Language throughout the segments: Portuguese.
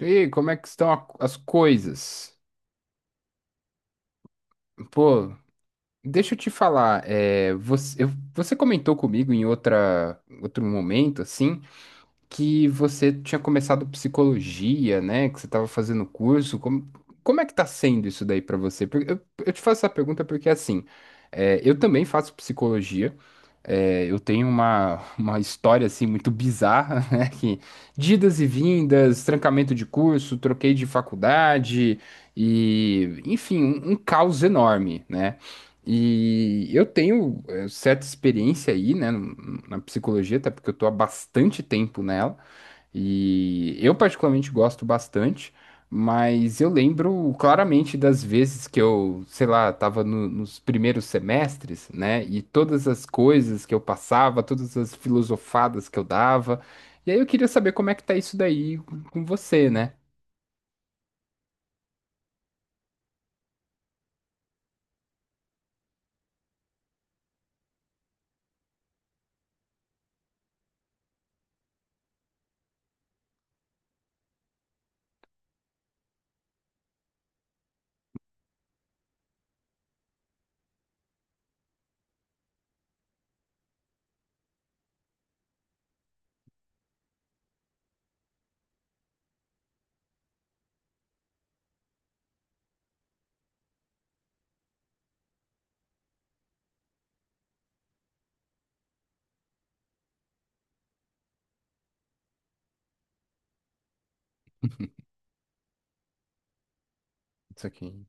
E aí, como é que estão as coisas? Pô, deixa eu te falar, você comentou comigo em outro momento, assim, que você tinha começado psicologia, né? Que você estava fazendo curso. Como é que tá sendo isso daí para você? Porque eu te faço essa pergunta porque, assim, eu também faço psicologia. Eu tenho uma história, assim, muito bizarra, né? Que de idas e vindas, trancamento de curso, troquei de faculdade e, enfim, um caos enorme, né? E eu tenho certa experiência aí, né, na psicologia, até porque eu tô há bastante tempo nela, e eu particularmente gosto bastante, mas eu lembro claramente das vezes que eu, sei lá, tava nos primeiros semestres, né, e todas as coisas que eu passava, todas as filosofadas que eu dava, e aí eu queria saber como é que tá isso daí com você, né? Isso aqui.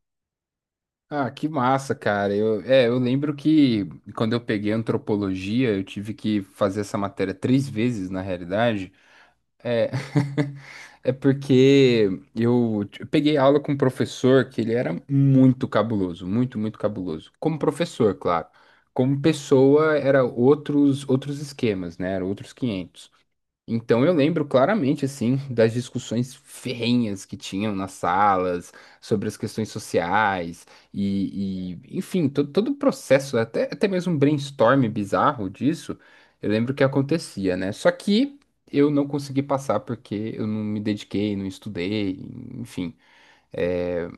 Ah, que massa, cara. Eu lembro que quando eu peguei antropologia, eu tive que fazer essa matéria três vezes, na realidade. É, é porque eu peguei aula com um professor que ele era muito cabuloso, muito, muito cabuloso. Como professor, claro. Como pessoa, era outros esquemas, né? Era outros quinhentos. Então eu lembro claramente assim das discussões ferrenhas que tinham nas salas sobre as questões sociais enfim, todo o processo, até mesmo um brainstorm bizarro disso, eu lembro que acontecia, né? Só que eu não consegui passar porque eu não me dediquei, não estudei, enfim. É,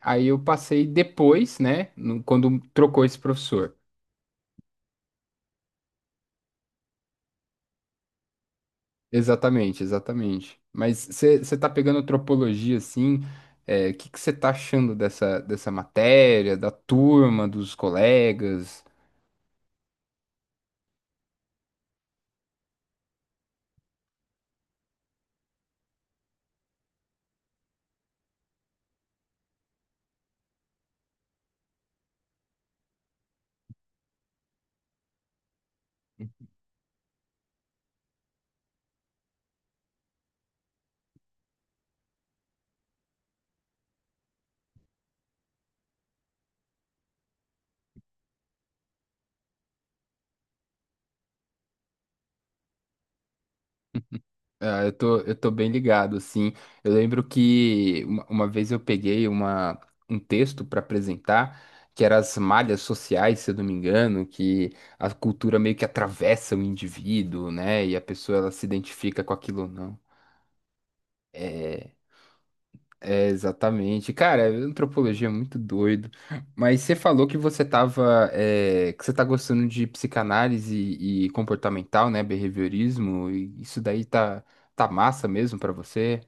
Aí eu passei depois, né, quando trocou esse professor. Exatamente, exatamente. Mas você está pegando antropologia assim, o que que você está achando dessa matéria, da turma, dos colegas? Ah, eu tô bem ligado, assim. Eu lembro que uma vez eu peguei um texto para apresentar, que era as malhas sociais, se eu não me engano, que a cultura meio que atravessa o indivíduo, né? E a pessoa ela se identifica com aquilo ou não. É, exatamente. Cara, antropologia é muito doido. Mas você falou que você tava, que você tá gostando de psicanálise e, comportamental, né? Behaviorismo. E isso daí tá massa mesmo pra você?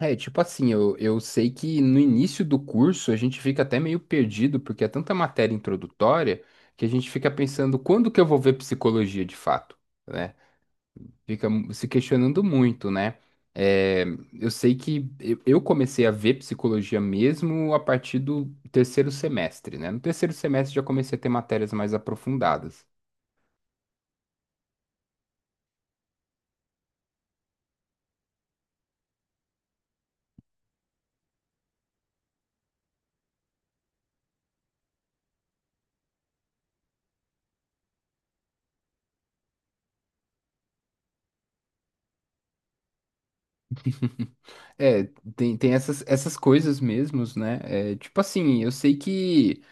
Tipo assim, eu sei que no início do curso a gente fica até meio perdido, porque é tanta matéria introdutória que a gente fica pensando quando que eu vou ver psicologia de fato, né? Fica se questionando muito, né? É, eu sei que eu comecei a ver psicologia mesmo a partir do terceiro semestre, né? No terceiro semestre já comecei a ter matérias mais aprofundadas. É, tem essas coisas mesmos, né? Tipo assim, eu sei que.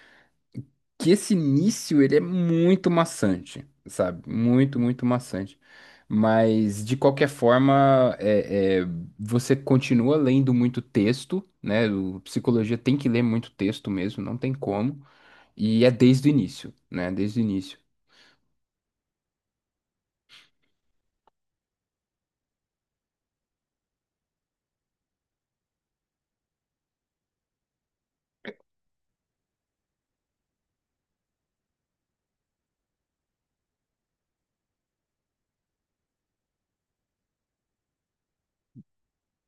Que esse início ele é muito maçante, sabe? Muito, muito maçante. Mas de qualquer forma, você continua lendo muito texto, né? O psicologia tem que ler muito texto mesmo, não tem como. E é desde o início, né? Desde o início.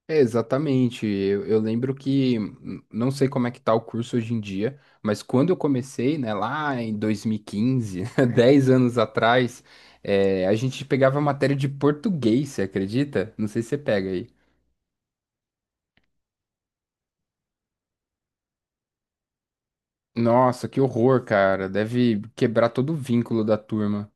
É, exatamente. Eu lembro que, não sei como é que tá o curso hoje em dia, mas quando eu comecei, né, lá em 2015, 10 anos atrás, a gente pegava matéria de português, você acredita? Não sei se você pega aí. Nossa, que horror, cara. Deve quebrar todo o vínculo da turma.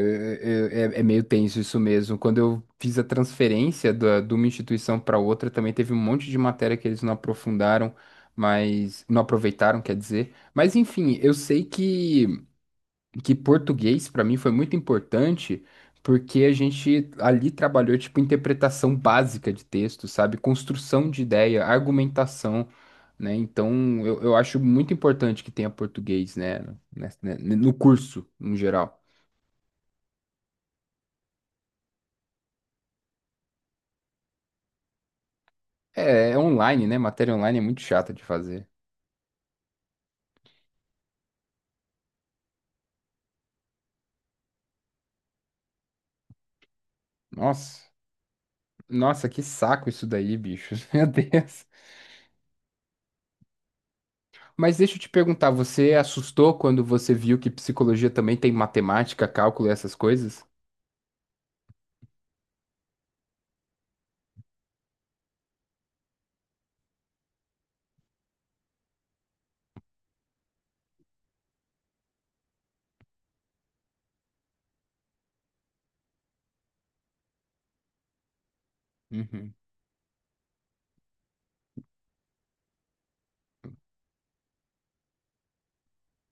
É meio tenso isso mesmo. Quando eu fiz a transferência de uma instituição para outra, também teve um monte de matéria que eles não aprofundaram, mas não aproveitaram, quer dizer. Mas enfim, eu sei que, português para mim foi muito importante, porque a gente ali trabalhou tipo interpretação básica de texto, sabe? Construção de ideia, argumentação, né? Então eu acho muito importante que tenha português, né? No curso, no geral. É online, né? Matéria online é muito chata de fazer. Nossa, nossa, que saco isso daí, bicho. Meu Deus. Mas deixa eu te perguntar, você assustou quando você viu que psicologia também tem matemática, cálculo e essas coisas? Uhum.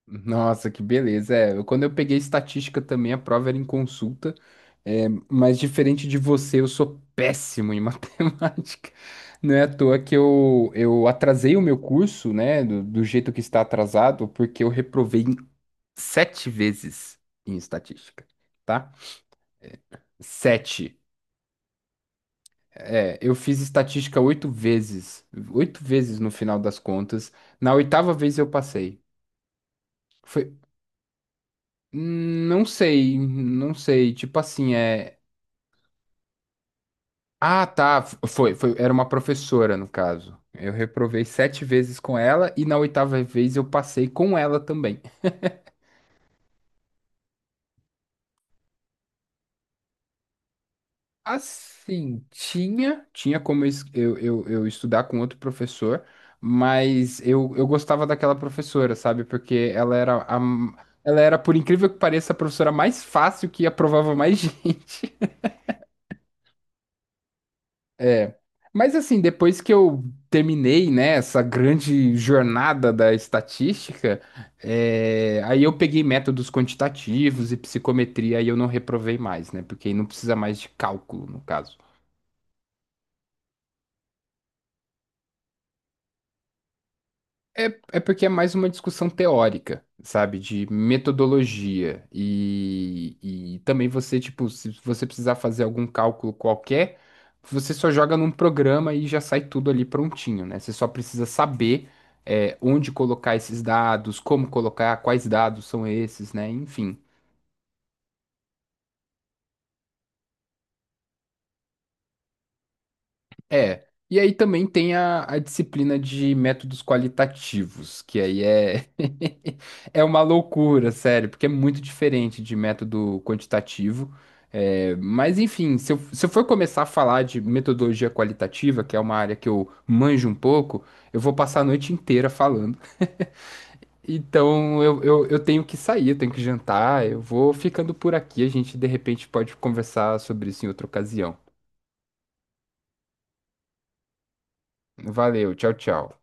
Nossa, que beleza. Quando eu peguei estatística também, a prova era em consulta. É, mas diferente de você, eu sou péssimo em matemática. Não é à toa que eu atrasei o meu curso, né? Do jeito que está atrasado, porque eu reprovei sete vezes em estatística, tá? Sete. Eu fiz estatística oito vezes no final das contas. Na oitava vez eu passei. Foi, não sei, não sei. Tipo assim, é. Ah, tá. Foi, foi. Era uma professora no caso. Eu reprovei sete vezes com ela e na oitava vez eu passei com ela também. Assim, tinha como eu, es- eu estudar com outro professor, mas eu gostava daquela professora, sabe? Porque ela era, por incrível que pareça, a professora mais fácil que aprovava mais gente. É. Mas assim, depois que eu terminei, né, essa grande jornada da estatística, aí eu peguei métodos quantitativos e psicometria e eu não reprovei mais, né? Porque aí não precisa mais de cálculo, no caso. É, É porque é mais uma discussão teórica, sabe? De metodologia. E também você, tipo, se você precisar fazer algum cálculo qualquer, você só joga num programa e já sai tudo ali prontinho, né? Você só precisa saber, onde colocar esses dados, como colocar, quais dados são esses, né? Enfim. É. E aí também tem a disciplina de métodos qualitativos, que aí é é uma loucura, sério, porque é muito diferente de método quantitativo. Mas enfim, se eu for começar a falar de metodologia qualitativa, que é uma área que eu manjo um pouco, eu vou passar a noite inteira falando. Então eu tenho que sair, eu tenho que jantar, eu vou ficando por aqui. A gente de repente pode conversar sobre isso em outra ocasião. Valeu, tchau, tchau.